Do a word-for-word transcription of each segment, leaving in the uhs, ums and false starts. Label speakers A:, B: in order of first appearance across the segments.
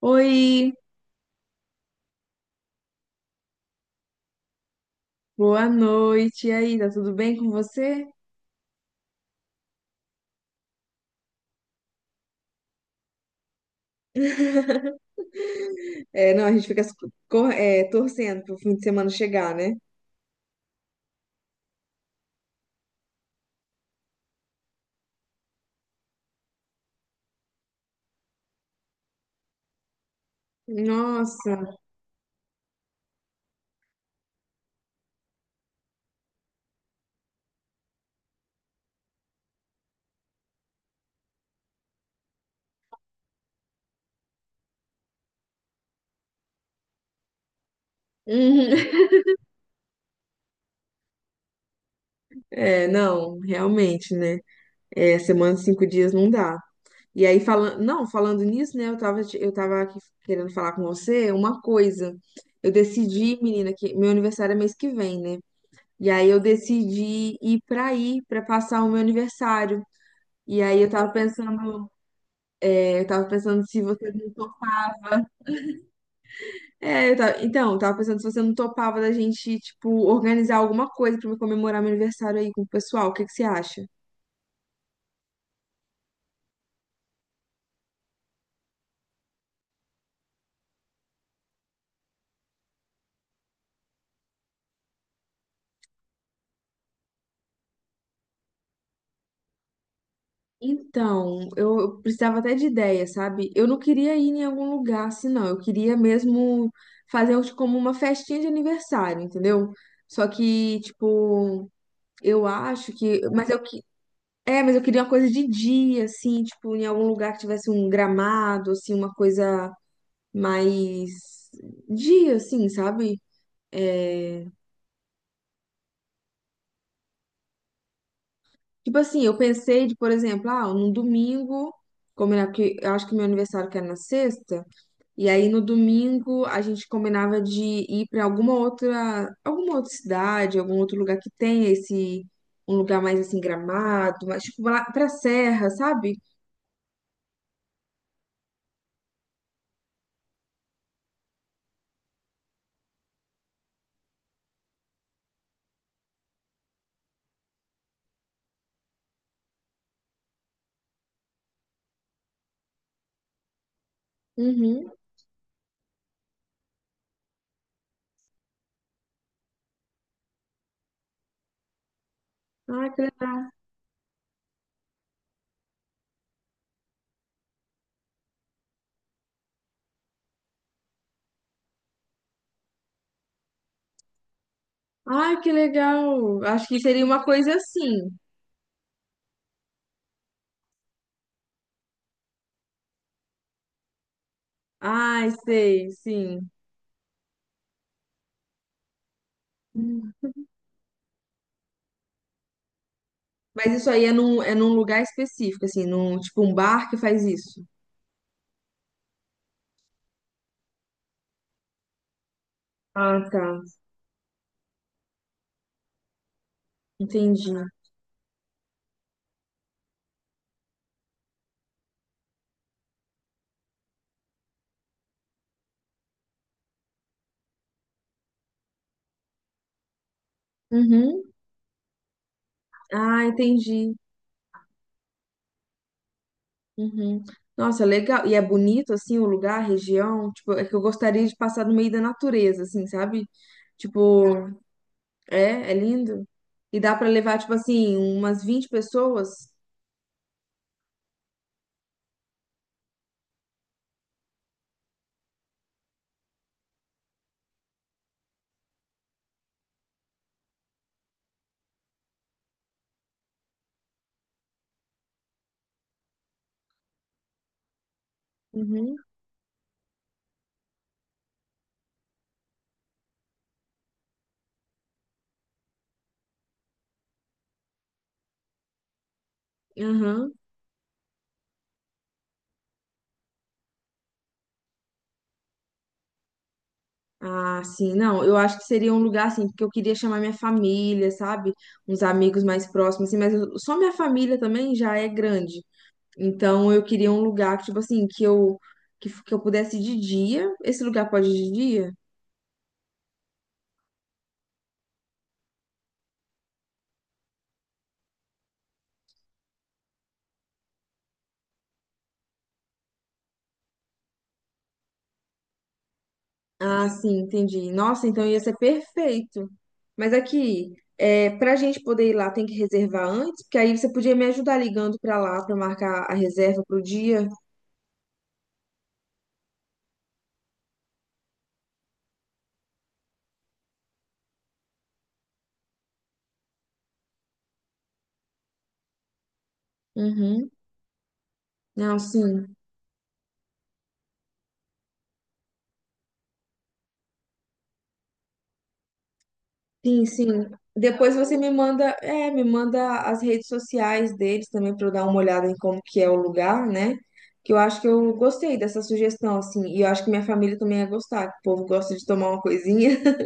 A: Oi, boa noite. E aí, tá tudo bem com você? É, não, a gente fica cor- é, torcendo pro fim de semana chegar, né? Nossa. Uhum. É, não, realmente, né? É, semana de cinco dias não dá. E aí, falando, não, falando nisso, né? Eu tava, te- eu tava aqui querendo falar com você uma coisa. Eu decidi, menina, que meu aniversário é mês que vem, né? E aí eu decidi ir pra aí, pra passar o meu aniversário. E aí eu tava pensando. Eu tava pensando se você não topava. É, eu tava... Então, eu tava pensando se você não topava da gente, tipo, organizar alguma coisa pra me comemorar meu aniversário aí com o pessoal. O que que você acha? Então, eu eu precisava até de ideia, sabe? Eu não queria ir em algum lugar assim, não. Eu queria mesmo fazer uns- como uma festinha de aniversário, entendeu? Só que, tipo, eu acho que. Mas eu que. É, mas eu queria uma coisa de dia, assim, tipo, em algum lugar que tivesse um gramado, assim, uma coisa mais dia, assim, sabe? É, tipo assim, eu pensei de, por exemplo, ah, num domingo, combinar, porque eu acho que meu aniversário que era na sexta, e aí no domingo a gente combinava de ir pra alguma outra, alguma outra cidade, algum outro lugar que tenha esse, um lugar mais assim, Gramado, mas tipo lá pra Serra, sabe? Uhum. Ai, que legal. Ai, que legal. Acho que seria uma coisa assim. Ai, sei, sim. Mas isso aí é num, é num lugar específico, assim, num, tipo um bar que faz isso. Ah, tá. Entendi. Uhum. Ah, entendi. Uhum. Nossa, legal. E é bonito, assim, o lugar, a região. Tipo, é que eu gostaria de passar no meio da natureza, assim, sabe? Tipo, é, é lindo. E dá pra levar, tipo assim, umas vinte pessoas. Uhum. Aham. Ah, sim, não, eu acho que seria um lugar assim, porque eu queria chamar minha família, sabe? Uns amigos mais próximos, assim, mas eu- só minha família também já é grande. Então eu queria um lugar que, tipo assim, que eu que, f- que eu pudesse ir de dia. Esse lugar pode ir de dia? Ah, sim, entendi. Nossa, então ia ser perfeito. Mas aqui, é, pra gente poder ir lá, tem que reservar antes, porque aí você podia me ajudar ligando pra lá pra marcar a reserva pro dia. Uhum. Não, sim. Sim, sim. Depois você me manda, é, me manda as redes sociais deles também para eu dar uma olhada em como que é o lugar, né? Que eu acho que eu gostei dessa sugestão, assim, e eu acho que minha família também ia gostar, que o povo gosta de tomar uma coisinha.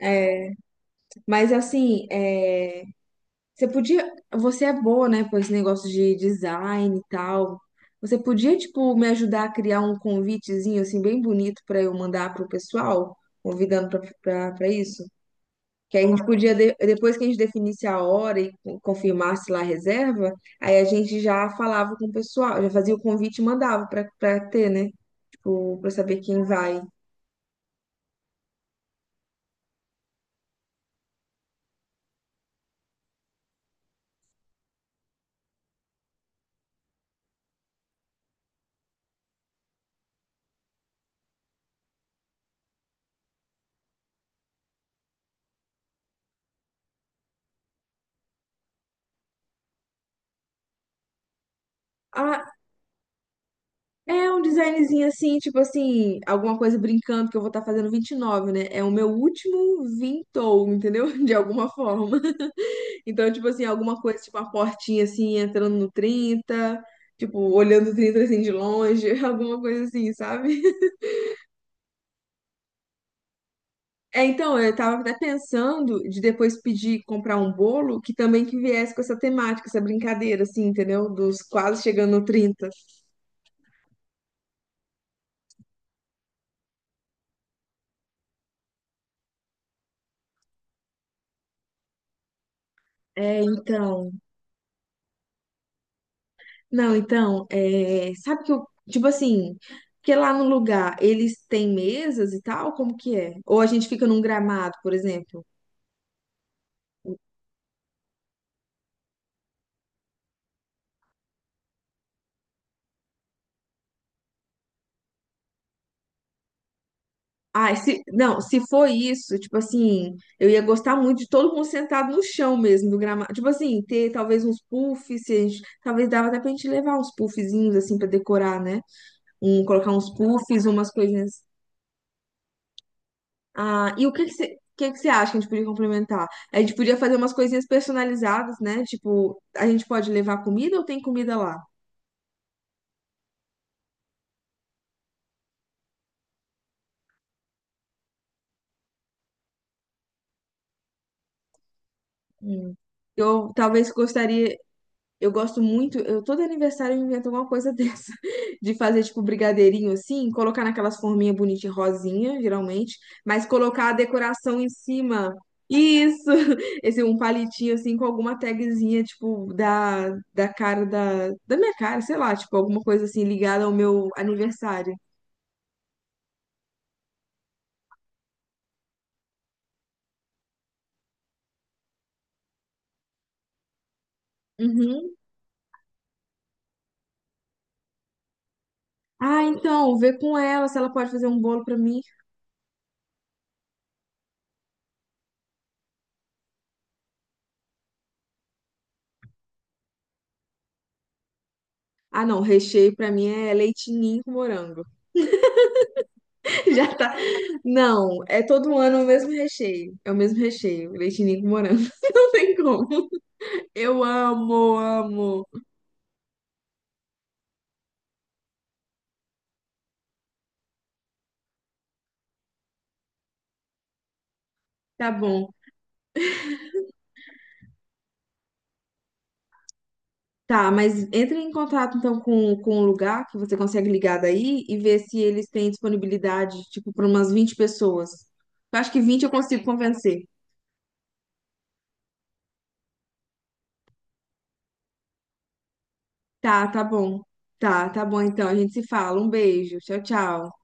A: É, mas assim, é, você podia, você é boa, né, com esse negócio de design e tal. Você podia, tipo, me ajudar a criar um convitezinho assim bem bonito para eu mandar pro pessoal, convidando para para isso? Que aí a gente podia, de- depois que a gente definisse a hora e con- confirmasse lá a reserva, aí a gente já falava com o pessoal, já fazia o convite e mandava pra, pra ter, né? Tipo, pra saber quem vai. Ah, é um designzinho assim, tipo assim, alguma coisa brincando, que eu vou estar fazendo vinte e nove, né? É o meu último vintou, entendeu? De alguma forma. Então, tipo assim, alguma coisa, tipo uma portinha assim, entrando no trinta, tipo, olhando o trinta assim de longe, alguma coisa assim, sabe? É, então, eu estava até pensando de depois pedir comprar um bolo que também que viesse com essa temática, essa brincadeira, assim, entendeu? Dos quase chegando no trinta. É, então. Não, então, é, sabe que eu, tipo assim, que lá no lugar eles têm mesas e tal, como que é? Ou a gente fica num gramado, por exemplo? Ai, se, não, se for isso, tipo assim, eu ia gostar muito de todo mundo sentado no chão mesmo, do gramado. Tipo assim, ter talvez uns puffs, se a gente, talvez dava até pra gente levar uns puffzinhos, assim, pra decorar, né? Um, colocar uns puffs, umas coisinhas. Ah, e o que que você, o que que você acha que a gente podia complementar? A gente podia fazer umas coisinhas personalizadas, né? Tipo, a gente pode levar comida ou tem comida lá? Hum. Eu talvez gostaria. Eu gosto muito, eu, todo aniversário eu invento alguma coisa dessa, de fazer tipo brigadeirinho assim, colocar naquelas forminhas bonitinhas, rosinha, geralmente, mas colocar a decoração em cima. Isso! Esse um palitinho assim com alguma tagzinha, tipo, da, da cara da, da minha cara, sei lá, tipo, alguma coisa assim ligada ao meu aniversário. Uhum. Ah, então, vê com ela se ela pode fazer um bolo pra mim. Ah, não, recheio pra mim é leite ninho com morango. Já tá. Não, é todo ano o mesmo recheio. É o mesmo recheio, leitinho com morango. Não tem como. Eu amo, amo. Tá bom. Tá, mas entre em contato então com, com o lugar que você consegue ligar daí e ver se eles têm disponibilidade, tipo, para umas vinte pessoas. Eu acho que vinte eu Tá consigo convencer. Tá, tá bom. Tá, tá bom então. A gente se fala. Um beijo. Tchau, tchau.